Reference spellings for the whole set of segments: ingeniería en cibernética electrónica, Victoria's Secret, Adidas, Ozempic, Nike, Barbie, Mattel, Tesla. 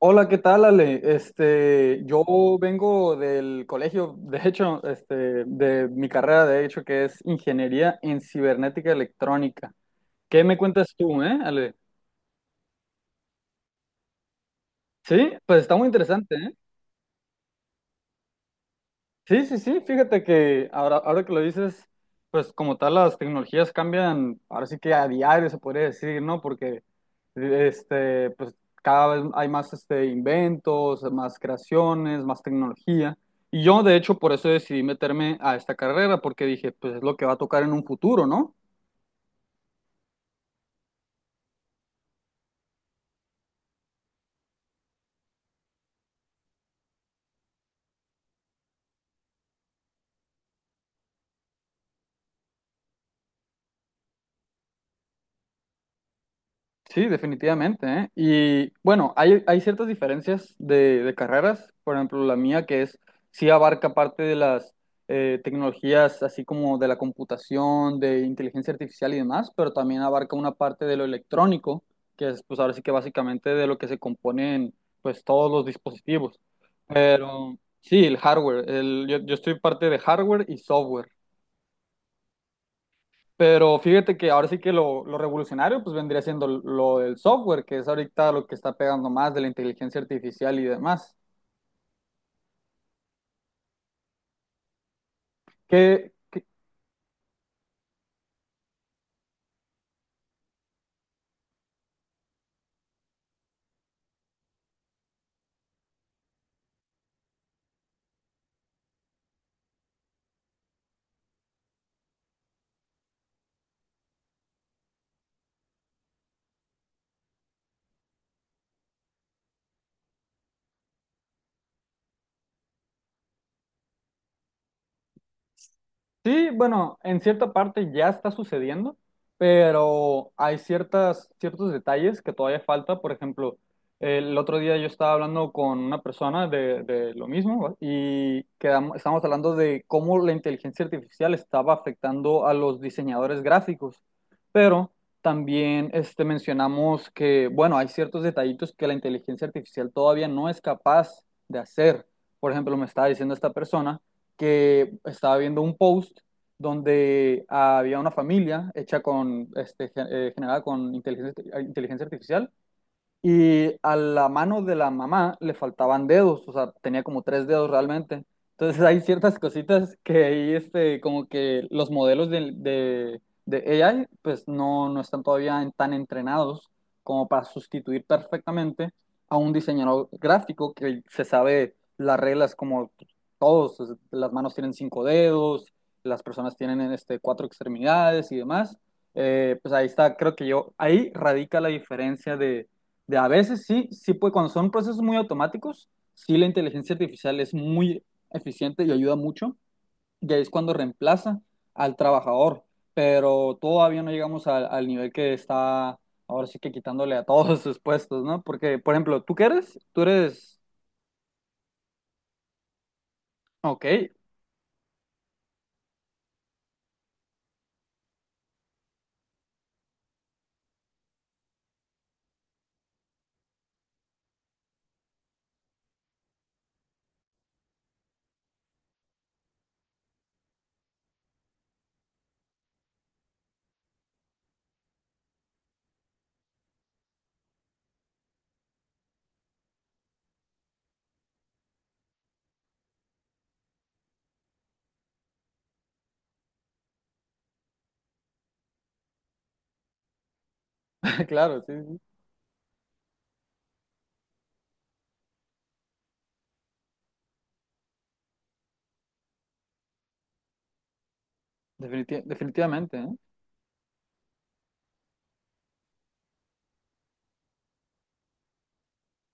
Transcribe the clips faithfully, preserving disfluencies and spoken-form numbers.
Hola, ¿qué tal, Ale? Este, yo vengo del colegio, de hecho, este, de mi carrera, de hecho, que es ingeniería en cibernética electrónica. ¿Qué me cuentas tú, eh, Ale? Sí, pues está muy interesante, ¿eh? Sí, sí, sí, fíjate que ahora, ahora que lo dices, pues como tal las tecnologías cambian, ahora sí que a diario se podría decir, ¿no? Porque e, este, pues cada vez hay más este, inventos, más creaciones, más tecnología. Y yo de hecho por eso decidí meterme a esta carrera, porque dije, pues es lo que va a tocar en un futuro, ¿no? Sí, definitivamente, ¿eh? Y bueno, hay, hay ciertas diferencias de, de carreras, por ejemplo, la mía que es, sí abarca parte de las eh, tecnologías, así como de la computación, de inteligencia artificial y demás, pero también abarca una parte de lo electrónico, que es pues ahora sí que básicamente de lo que se componen pues todos los dispositivos. Pero sí, el hardware, el- yo, yo estoy parte de hardware y software. Pero fíjate que ahora sí que lo, lo revolucionario pues vendría siendo lo del software, que es ahorita lo que está pegando más de la inteligencia artificial y demás. ¿Qué, qué- Sí, bueno, en cierta parte ya está sucediendo, pero hay ciertas, ciertos detalles que todavía falta. Por ejemplo, el otro día yo estaba hablando con una persona de, de lo mismo, ¿va? Y quedamos, estábamos hablando de cómo la inteligencia artificial estaba afectando a los diseñadores gráficos, pero también este, mencionamos que, bueno, hay ciertos detallitos que la inteligencia artificial todavía no es capaz de hacer. Por ejemplo, me estaba diciendo esta persona que estaba viendo un post donde ah, había una familia hecha con, este, gen- eh, generada con inteligencia, inteligencia artificial, y a la mano de la mamá le faltaban dedos, o sea, tenía como tres dedos realmente. Entonces hay ciertas cositas que ahí, este, como que los modelos de, de, de A I, pues no, no están todavía en- tan entrenados como para sustituir perfectamente a un diseñador gráfico que se sabe las reglas como todos, o sea, las manos tienen cinco dedos, las personas tienen este, cuatro extremidades y demás. Eh, pues ahí está, creo que yo, ahí radica la diferencia de de a veces sí, sí puede, cuando son procesos muy automáticos, sí la inteligencia artificial es muy eficiente y ayuda mucho, y ahí es cuando reemplaza al trabajador, pero todavía no llegamos al, al nivel que está ahora sí que quitándole a todos sus puestos, ¿no? Porque, por ejemplo, ¿tú qué eres? Tú eres... Ok, claro, sí, sí, definitiv- definitivamente, ¿eh?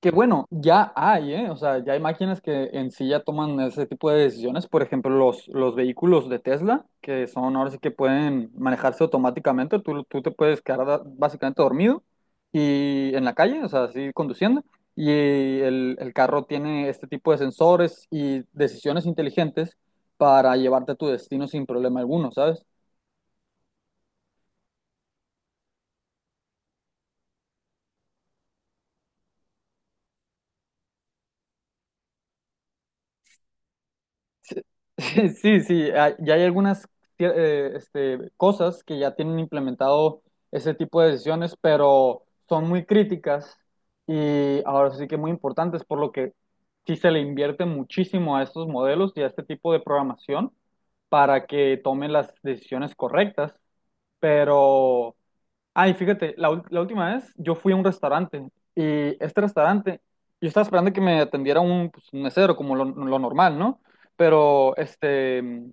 Que bueno, ya hay, ¿eh? O sea, ya hay máquinas que en sí ya toman ese tipo de decisiones. Por ejemplo, los, los vehículos de Tesla, que son ahora sí que pueden manejarse automáticamente. Tú, tú te puedes quedar da- básicamente dormido y en la calle, o sea, así conduciendo. Y el, el carro tiene este tipo de sensores y decisiones inteligentes para llevarte a tu destino sin problema alguno, ¿sabes? Sí, sí, sí, hay- ya hay algunas tie- eh, este, cosas que ya tienen implementado ese tipo de decisiones, pero son muy críticas y ahora sí que muy importantes, por lo que sí se le invierte muchísimo a estos modelos y a este tipo de programación para que tomen las decisiones correctas, pero... Ay, fíjate, la, ul- la última vez yo fui a un restaurante, y este restaurante, yo estaba esperando que me atendiera un, pues, un mesero, como lo, lo normal, ¿no? Pero, este, mm,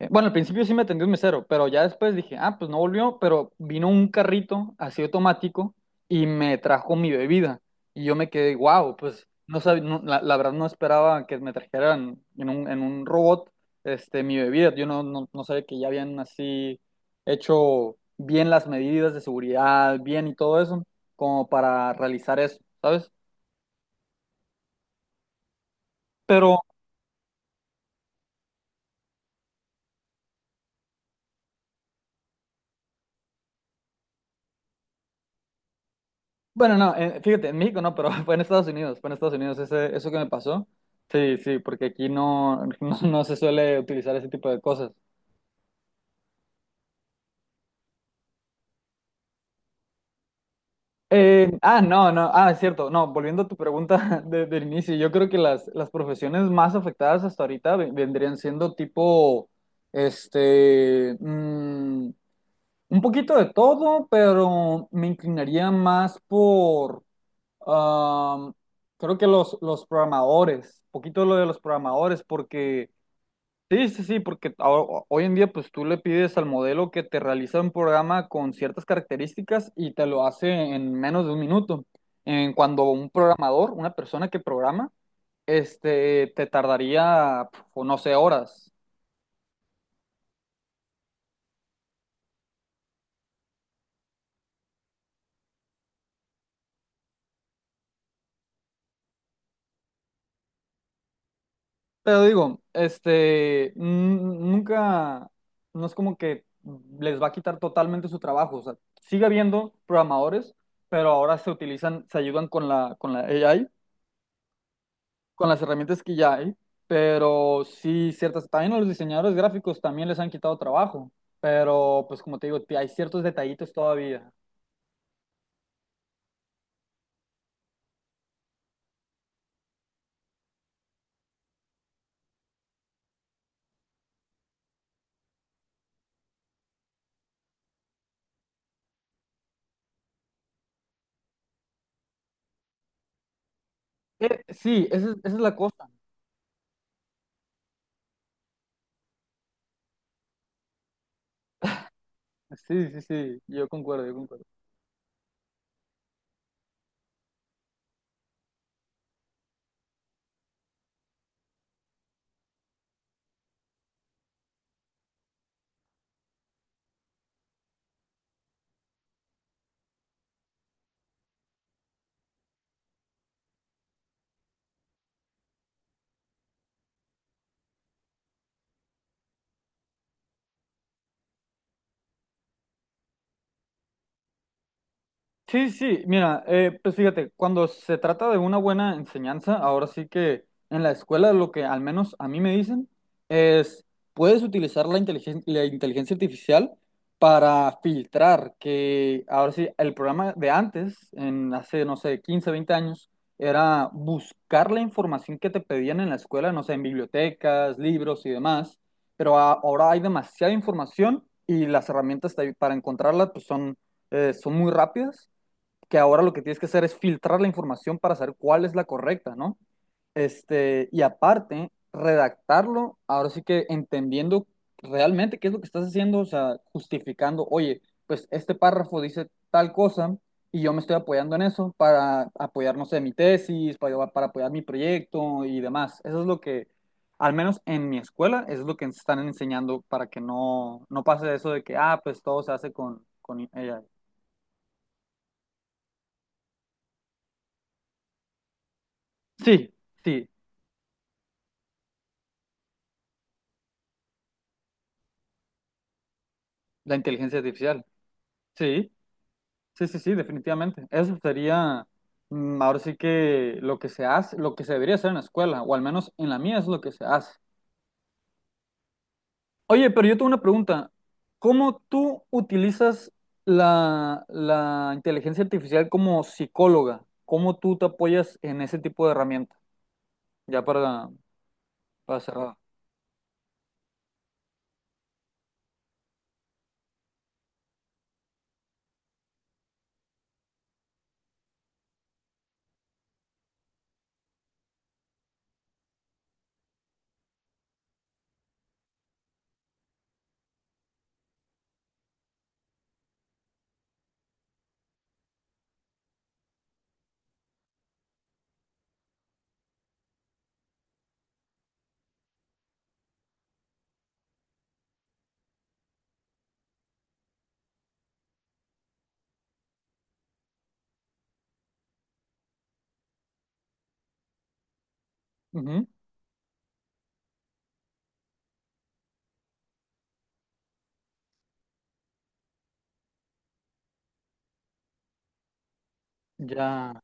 eh, bueno, al principio sí me atendió un mesero, pero ya después dije, ah, pues no volvió, pero vino un carrito así automático y me trajo mi bebida. Y yo me quedé, wow, pues no sab- no, la, la verdad no esperaba que me trajeran en un, en un robot, este, mi bebida. Yo no, no, no sabía que ya habían así hecho bien las medidas de seguridad, bien y todo eso, como para realizar eso, ¿sabes? Pero, bueno, no, eh, fíjate, en México no, pero fue en Estados Unidos, fue en Estados Unidos ese, eso que me pasó. Sí, sí, porque aquí no, no, no se suele utilizar ese tipo de cosas. Eh, ah, no, no, ah, es cierto, no, volviendo a tu pregunta, de- del inicio, yo creo que las, las profesiones más afectadas hasta ahorita ve- vendrían siendo tipo, este, mm, un poquito de todo, pero me inclinaría más por, am, creo que los, los programadores, un poquito lo de los programadores, porque, sí, sí, sí, porque ho- hoy en día pues tú le pides al modelo que te realiza un programa con ciertas características y te lo hace en menos de un minuto. En cuando un programador, una persona que programa, este, te tardaría, pf, o no sé, horas. Pero digo, este, mm, nunca, no es como que les va a quitar totalmente su trabajo. O sea, sigue habiendo programadores, pero ahora se utilizan, se ayudan con la, con la A I, con las herramientas que ya hay. Pero sí, ciertas, también a los diseñadores gráficos también les han quitado trabajo. Pero pues como te digo, hay ciertos detallitos todavía. Eh, sí, esa es, esa es la cosa. Sí, sí, sí, yo concuerdo, yo concuerdo. Sí, sí, mira, eh, pues fíjate, cuando se trata de una buena enseñanza, ahora sí que en la escuela lo que al menos a mí me dicen es, puedes utilizar la inteligen- la inteligencia artificial para filtrar, que ahora sí, el programa de antes, en hace, no sé, quince, veinte años, era buscar la información que te pedían en la escuela, no sé, en bibliotecas, libros y demás, pero a- ahora hay demasiada información y las herramientas te- para encontrarla pues son, eh, son muy rápidas, que ahora lo que tienes que hacer es filtrar la información para saber cuál es la correcta, ¿no? Este, y aparte, redactarlo, ahora sí que entendiendo realmente qué es lo que estás haciendo, o sea, justificando, oye, pues este párrafo dice tal cosa y yo me estoy apoyando en eso para apoyar, no sé, mi tesis, para, para apoyar mi proyecto y demás. Eso es lo que, al menos en mi escuela, eso es lo que están enseñando, para que no, no pase eso de que, ah, pues todo se hace con, con, A I. Sí, sí, la inteligencia artificial. Sí, sí, sí, sí, definitivamente. Eso sería, mm, ahora sí que lo que se hace, lo que se debería hacer en la escuela, o al menos en la mía es lo que se hace. Oye, pero yo tengo una pregunta. ¿Cómo tú utilizas la, la inteligencia artificial como psicóloga? ¿Cómo tú te apoyas en ese tipo de herramienta? Ya para, para, cerrar. Ujú. Ya,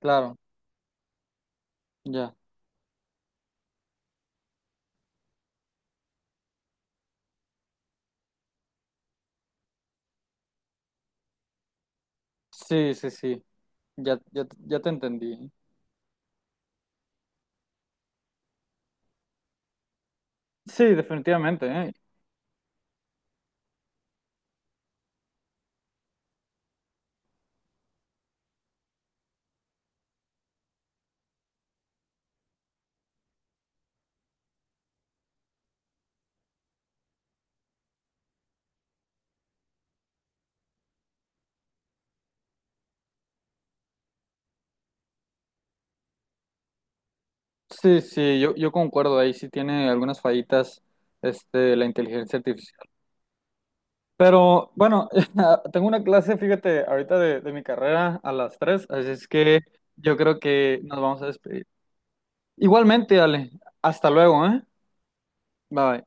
claro, ya. Sí, sí, sí. Ya, ya, ya te entendí. Sí, definitivamente, ¿eh? Sí, sí, yo, yo concuerdo, ahí sí tiene algunas fallitas, este, la inteligencia artificial. Pero bueno, tengo una clase, fíjate, ahorita de, de mi carrera a las tres, así es que yo creo que nos vamos a despedir. Igualmente, Ale, hasta luego, ¿eh? Bye.